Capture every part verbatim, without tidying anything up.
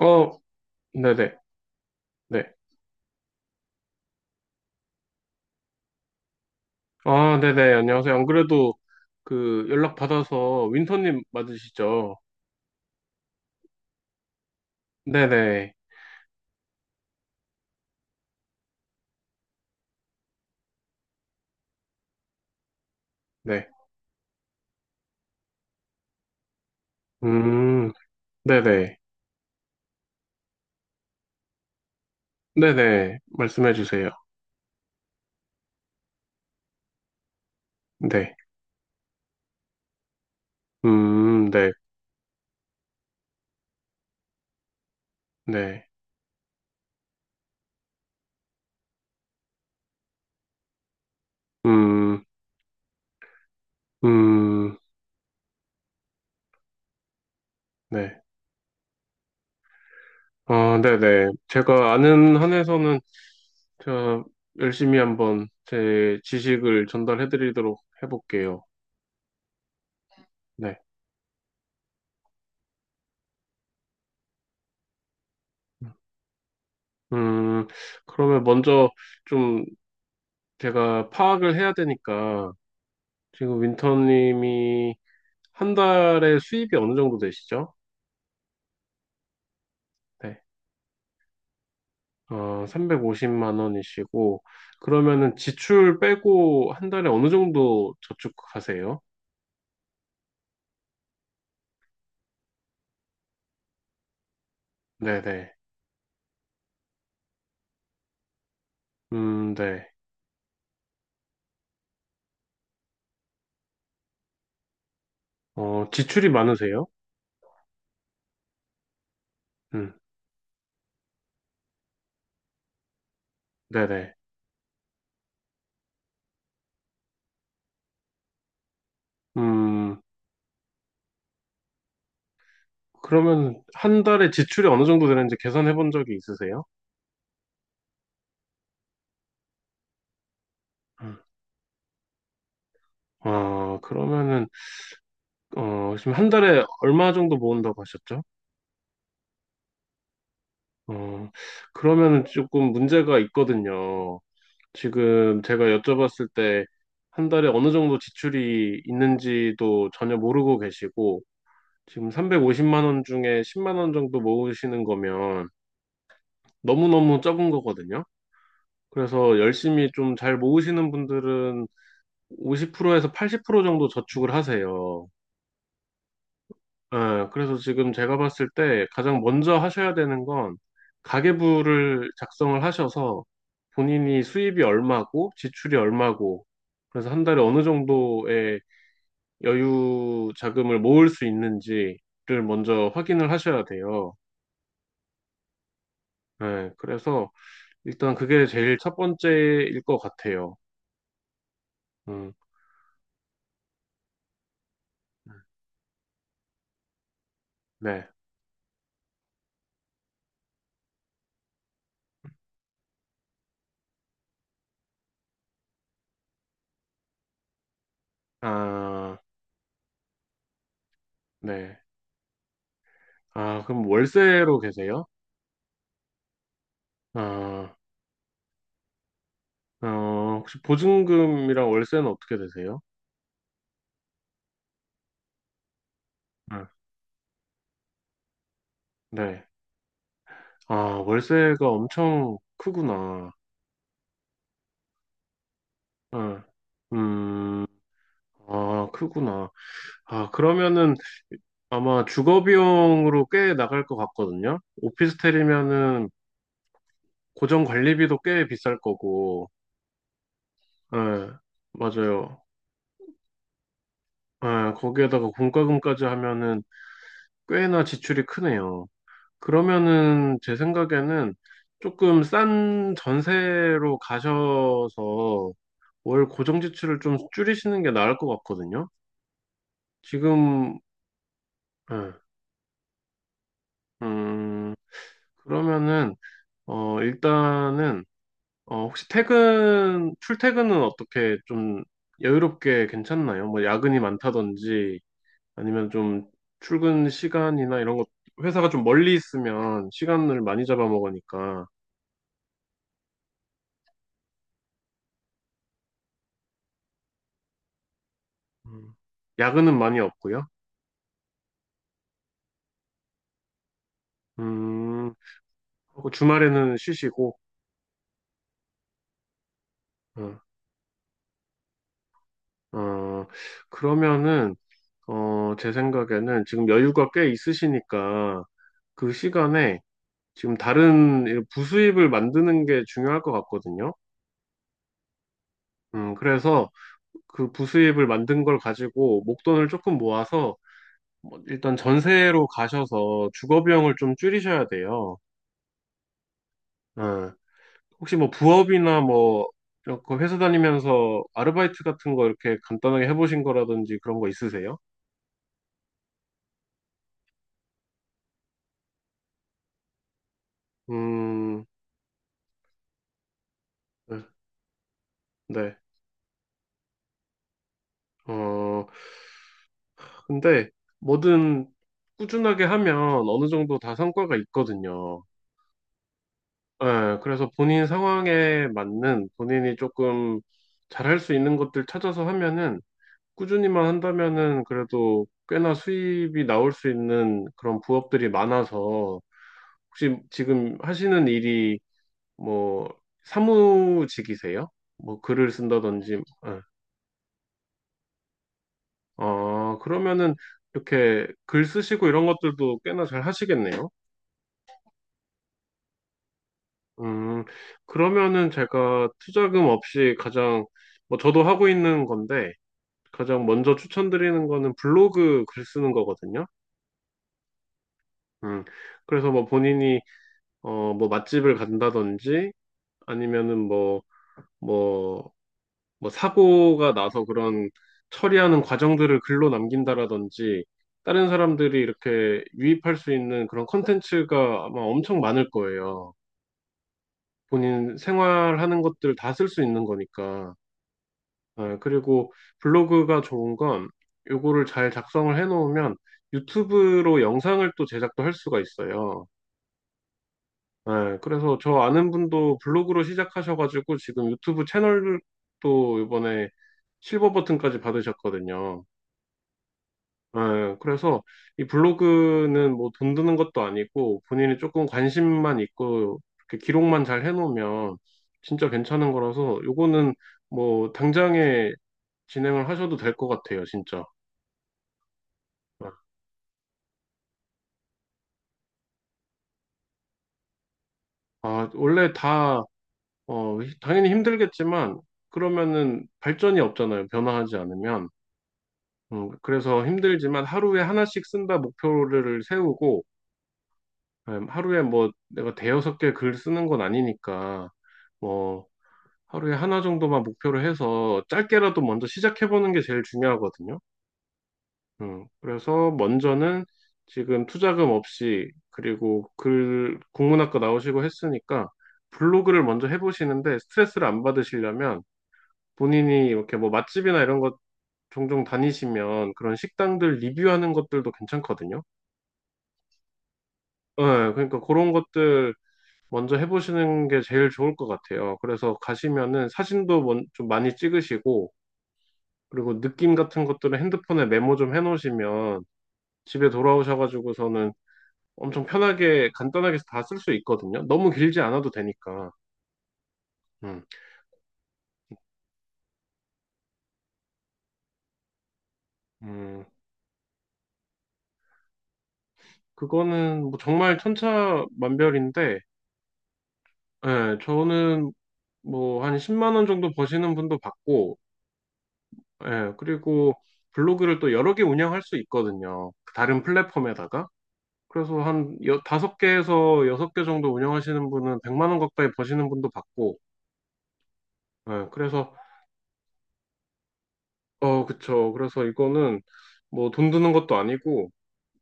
어, 네네, 네. 아, 네네, 안녕하세요. 안 그래도 그 연락 받아서 윈터님 맞으시죠? 네네, 네. 음, 네네, 네네, 말씀해 주세요. 네. 음, 네, 네. 음, 음, 네. 아, 네네. 제가 아는 한에서는 제가 열심히 한번 제 지식을 전달해 드리도록 해볼게요. 네. 음, 그러면 먼저 좀 제가 파악을 해야 되니까 지금 윈터님이 한 달에 수입이 어느 정도 되시죠? 네. 어, 삼백오십만 원이시고 그러면은 지출 빼고 한 달에 어느 정도 저축하세요? 네네. 음, 네. 어, 지출이 많으세요? 음, 네네. 음, 그러면 한 달에 지출이 어느 정도 되는지 계산해 본 적이 있으세요? 음. 어, 그러면은 어, 지금 한 달에 얼마 정도 모은다고 하셨죠? 어, 그러면은 조금 문제가 있거든요. 지금 제가 여쭤봤을 때 한 달에 어느 정도 지출이 있는지도 전혀 모르고 계시고, 지금 삼백오십만 원 중에 십만 원 정도 모으시는 거면 너무너무 적은 거거든요. 그래서 열심히 좀 잘 모으시는 분들은 오십 프로에서 팔십 프로 정도 저축을 하세요. 예, 그래서 지금 제가 봤을 때 가장 먼저 하셔야 되는 건 가계부를 작성을 하셔서 본인이 수입이 얼마고 지출이 얼마고 그래서 한 달에 어느 정도의 여유 자금을 모을 수 있는지를 먼저 확인을 하셔야 돼요. 예, 그래서 일단 그게 제일 첫 번째일 것 같아요. 음, 네. 아, 네. 아, 그럼 월세로 계세요? 아, 어, 혹시 보증금이랑 월세는 어떻게 되세요? 응, 네. 아, 월세가 엄청 크구나. 응, 음, 아, 크구나. 아, 그러면은 아마 주거 비용으로 꽤 나갈 것 같거든요. 오피스텔이면은 고정 관리비도 꽤 비쌀 거고, 예, 맞아요. 예, 거기에다가 공과금까지 하면은 꽤나 지출이 크네요. 그러면은 제 생각에는 조금 싼 전세로 가셔서 월 고정 지출을 좀 줄이시는 게 나을 것 같거든요. 지금, 예, 음, 그러면은, 어, 일단은, 어, 혹시 퇴근, 출퇴근은 어떻게 좀 여유롭게 괜찮나요? 뭐 야근이 많다든지, 아니면 좀 출근 시간이나 이런 것, 회사가 좀 멀리 있으면 시간을 많이 잡아먹으니까, 음, 야근은 많이 없고요. 음, 그리고 주말에는 쉬시고, 어, 어, 그러면은, 어, 제 생각에는 지금 여유가 꽤 있으시니까 그 시간에 지금 다른 부수입을 만드는 게 중요할 것 같거든요. 음, 그래서 그 부수입을 만든 걸 가지고 목돈을 조금 모아서 뭐 일단 전세로 가셔서 주거 비용을 좀 줄이셔야 돼요. 어, 혹시 뭐 부업이나 뭐 이렇게 회사 다니면서 아르바이트 같은 거 이렇게 간단하게 해보신 거라든지 그런 거 있으세요? 음, 네. 네. 어, 근데 뭐든 꾸준하게 하면 어느 정도 다 성과가 있거든요. 예, 그래서 본인 상황에 맞는 본인이 조금 잘할 수 있는 것들 찾아서 하면은 꾸준히만 한다면은 그래도 꽤나 수입이 나올 수 있는 그런 부업들이 많아서 혹시 지금 하시는 일이 뭐 사무직이세요? 뭐 글을 쓴다든지, 예. 아, 그러면은 이렇게 글 쓰시고 이런 것들도 꽤나 잘 하시겠네요. 음, 그러면은 제가 투자금 없이 가장, 뭐 저도 하고 있는 건데, 가장 먼저 추천드리는 거는 블로그 글 쓰는 거거든요. 음, 그래서 뭐 본인이, 어, 뭐 맛집을 간다든지, 아니면은 뭐, 뭐, 뭐 사고가 나서 그런 처리하는 과정들을 글로 남긴다라든지, 다른 사람들이 이렇게 유입할 수 있는 그런 컨텐츠가 아마 엄청 많을 거예요. 본인 생활하는 것들 다 쓸 수 있는 거니까. 네, 그리고 블로그가 좋은 건 요거를 잘 작성을 해놓으면 유튜브로 영상을 또 제작도 할 수가 있어요. 네, 그래서 저 아는 분도 블로그로 시작하셔가지고 지금 유튜브 채널도 이번에 실버 버튼까지 받으셨거든요. 네, 그래서 이 블로그는 뭐 돈 드는 것도 아니고 본인이 조금 관심만 있고 이렇게 기록만 잘 해놓으면 진짜 괜찮은 거라서 요거는 뭐 당장에 진행을 하셔도 될 것 같아요, 진짜. 아, 원래 다, 어, 당연히 힘들겠지만, 그러면은 발전이 없잖아요. 변화하지 않으면. 음, 그래서 힘들지만 하루에 하나씩 쓴다 목표를 세우고, 음, 하루에 뭐 내가 대여섯 개 글 쓰는 건 아니니까, 뭐 하루에 하나 정도만 목표를 해서 짧게라도 먼저 시작해보는 게 제일 중요하거든요. 음, 그래서 먼저는 지금 투자금 없이 그리고 글 국문학과 나오시고 했으니까 블로그를 먼저 해보시는데 스트레스를 안 받으시려면 본인이 이렇게 뭐 맛집이나 이런 것 종종 다니시면 그런 식당들 리뷰하는 것들도 괜찮거든요. 네, 그러니까 그런 것들 먼저 해보시는 게 제일 좋을 것 같아요. 그래서 가시면은 사진도 먼- 좀 많이 찍으시고 그리고 느낌 같은 것들은 핸드폰에 메모 좀 해놓으시면 집에 돌아오셔가지고서는 엄청 편하게 간단하게 다 쓸 수 있거든요. 너무 길지 않아도 되니까. 음, 음, 그거는 뭐 정말 천차만별인데, 예, 저는 뭐 한 십만 원 정도 버시는 분도 봤고, 예, 그리고 블로그를 또 여러 개 운영할 수 있거든요. 그 다른 플랫폼에다가. 그래서 한 여- 다섯 개에서 여섯 개 정도 운영하시는 분은 백만 원 가까이 버시는 분도 봤고, 예, 그래서, 어, 그쵸. 그래서 이거는 뭐 돈 드는 것도 아니고,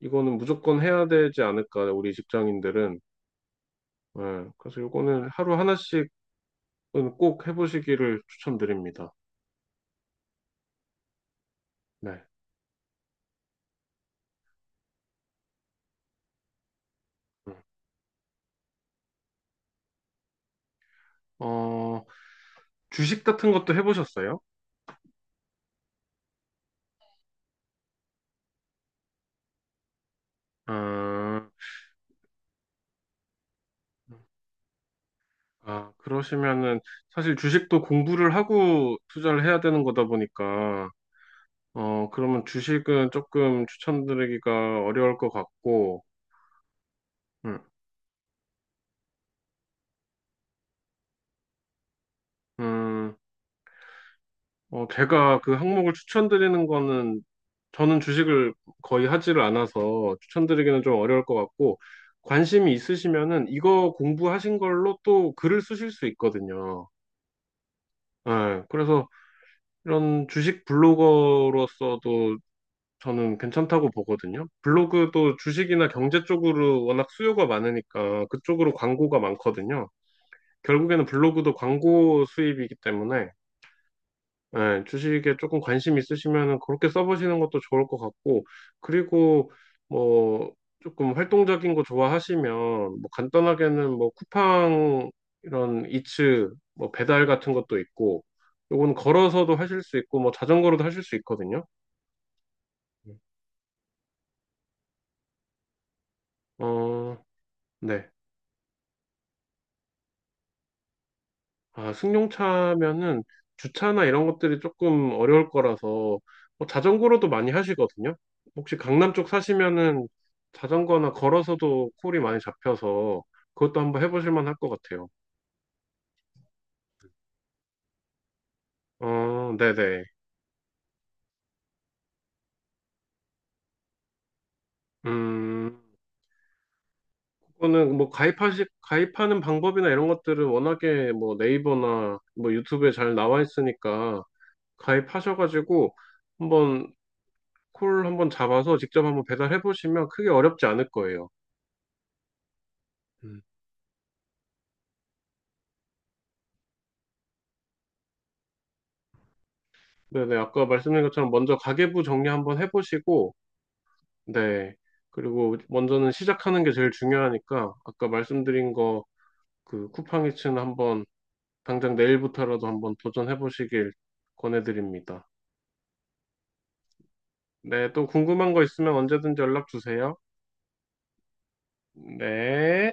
이거는 무조건 해야 되지 않을까, 우리 직장인들은. 예, 그래서 이거는 하루 하나씩은 꼭 해보시기를 추천드립니다. 네. 음. 어, 주식 같은 것도 해보셨어요? 아, 아, 그러시면은 사실 주식도 공부를 하고 투자를 해야 되는 거다 보니까, 어, 그러면 주식은 조금 추천드리기가 어려울 것 같고, 음, 음, 어, 제가 그 항목을 추천드리는 거는 저는 주식을 거의 하지를 않아서 추천드리기는 좀 어려울 것 같고 관심이 있으시면은 이거 공부하신 걸로 또 글을 쓰실 수 있거든요. 예, 그래서 이런 주식 블로거로서도 저는 괜찮다고 보거든요. 블로그도 주식이나 경제 쪽으로 워낙 수요가 많으니까 그쪽으로 광고가 많거든요. 결국에는 블로그도 광고 수입이기 때문에 예, 주식에 조금 관심 있으시면은 그렇게 써보시는 것도 좋을 것 같고, 그리고 뭐 조금 활동적인 거 좋아하시면 뭐 간단하게는 뭐 쿠팡 이런 이츠 뭐 배달 같은 것도 있고, 요건 걸어서도 하실 수 있고, 뭐 자전거로도 하실 수 있거든요. 어, 네. 아, 승용차면은 주차나 이런 것들이 조금 어려울 거라서 뭐 자전거로도 많이 하시거든요. 혹시 강남 쪽 사시면은 자전거나 걸어서도 콜이 많이 잡혀서 그것도 한번 해보실 만할 것 같아요. 어, 네네. 음, 그거는 뭐 가입하시, 가입하는 방법이나 이런 것들은 워낙에 뭐 네이버나 뭐 유튜브에 잘 나와 있으니까 가입하셔가지고 한번 콜 한번 잡아서 직접 한번 배달해 보시면 크게 어렵지 않을 거예요. 음. 네네, 아까 말씀드린 것처럼 먼저 가계부 정리 한번 해보시고, 네. 그리고 먼저는 시작하는 게 제일 중요하니까, 아까 말씀드린 거, 그 쿠팡이츠는 한번, 당장 내일부터라도 한번 도전해보시길 권해드립니다. 네, 또 궁금한 거 있으면 언제든지 연락 주세요. 네.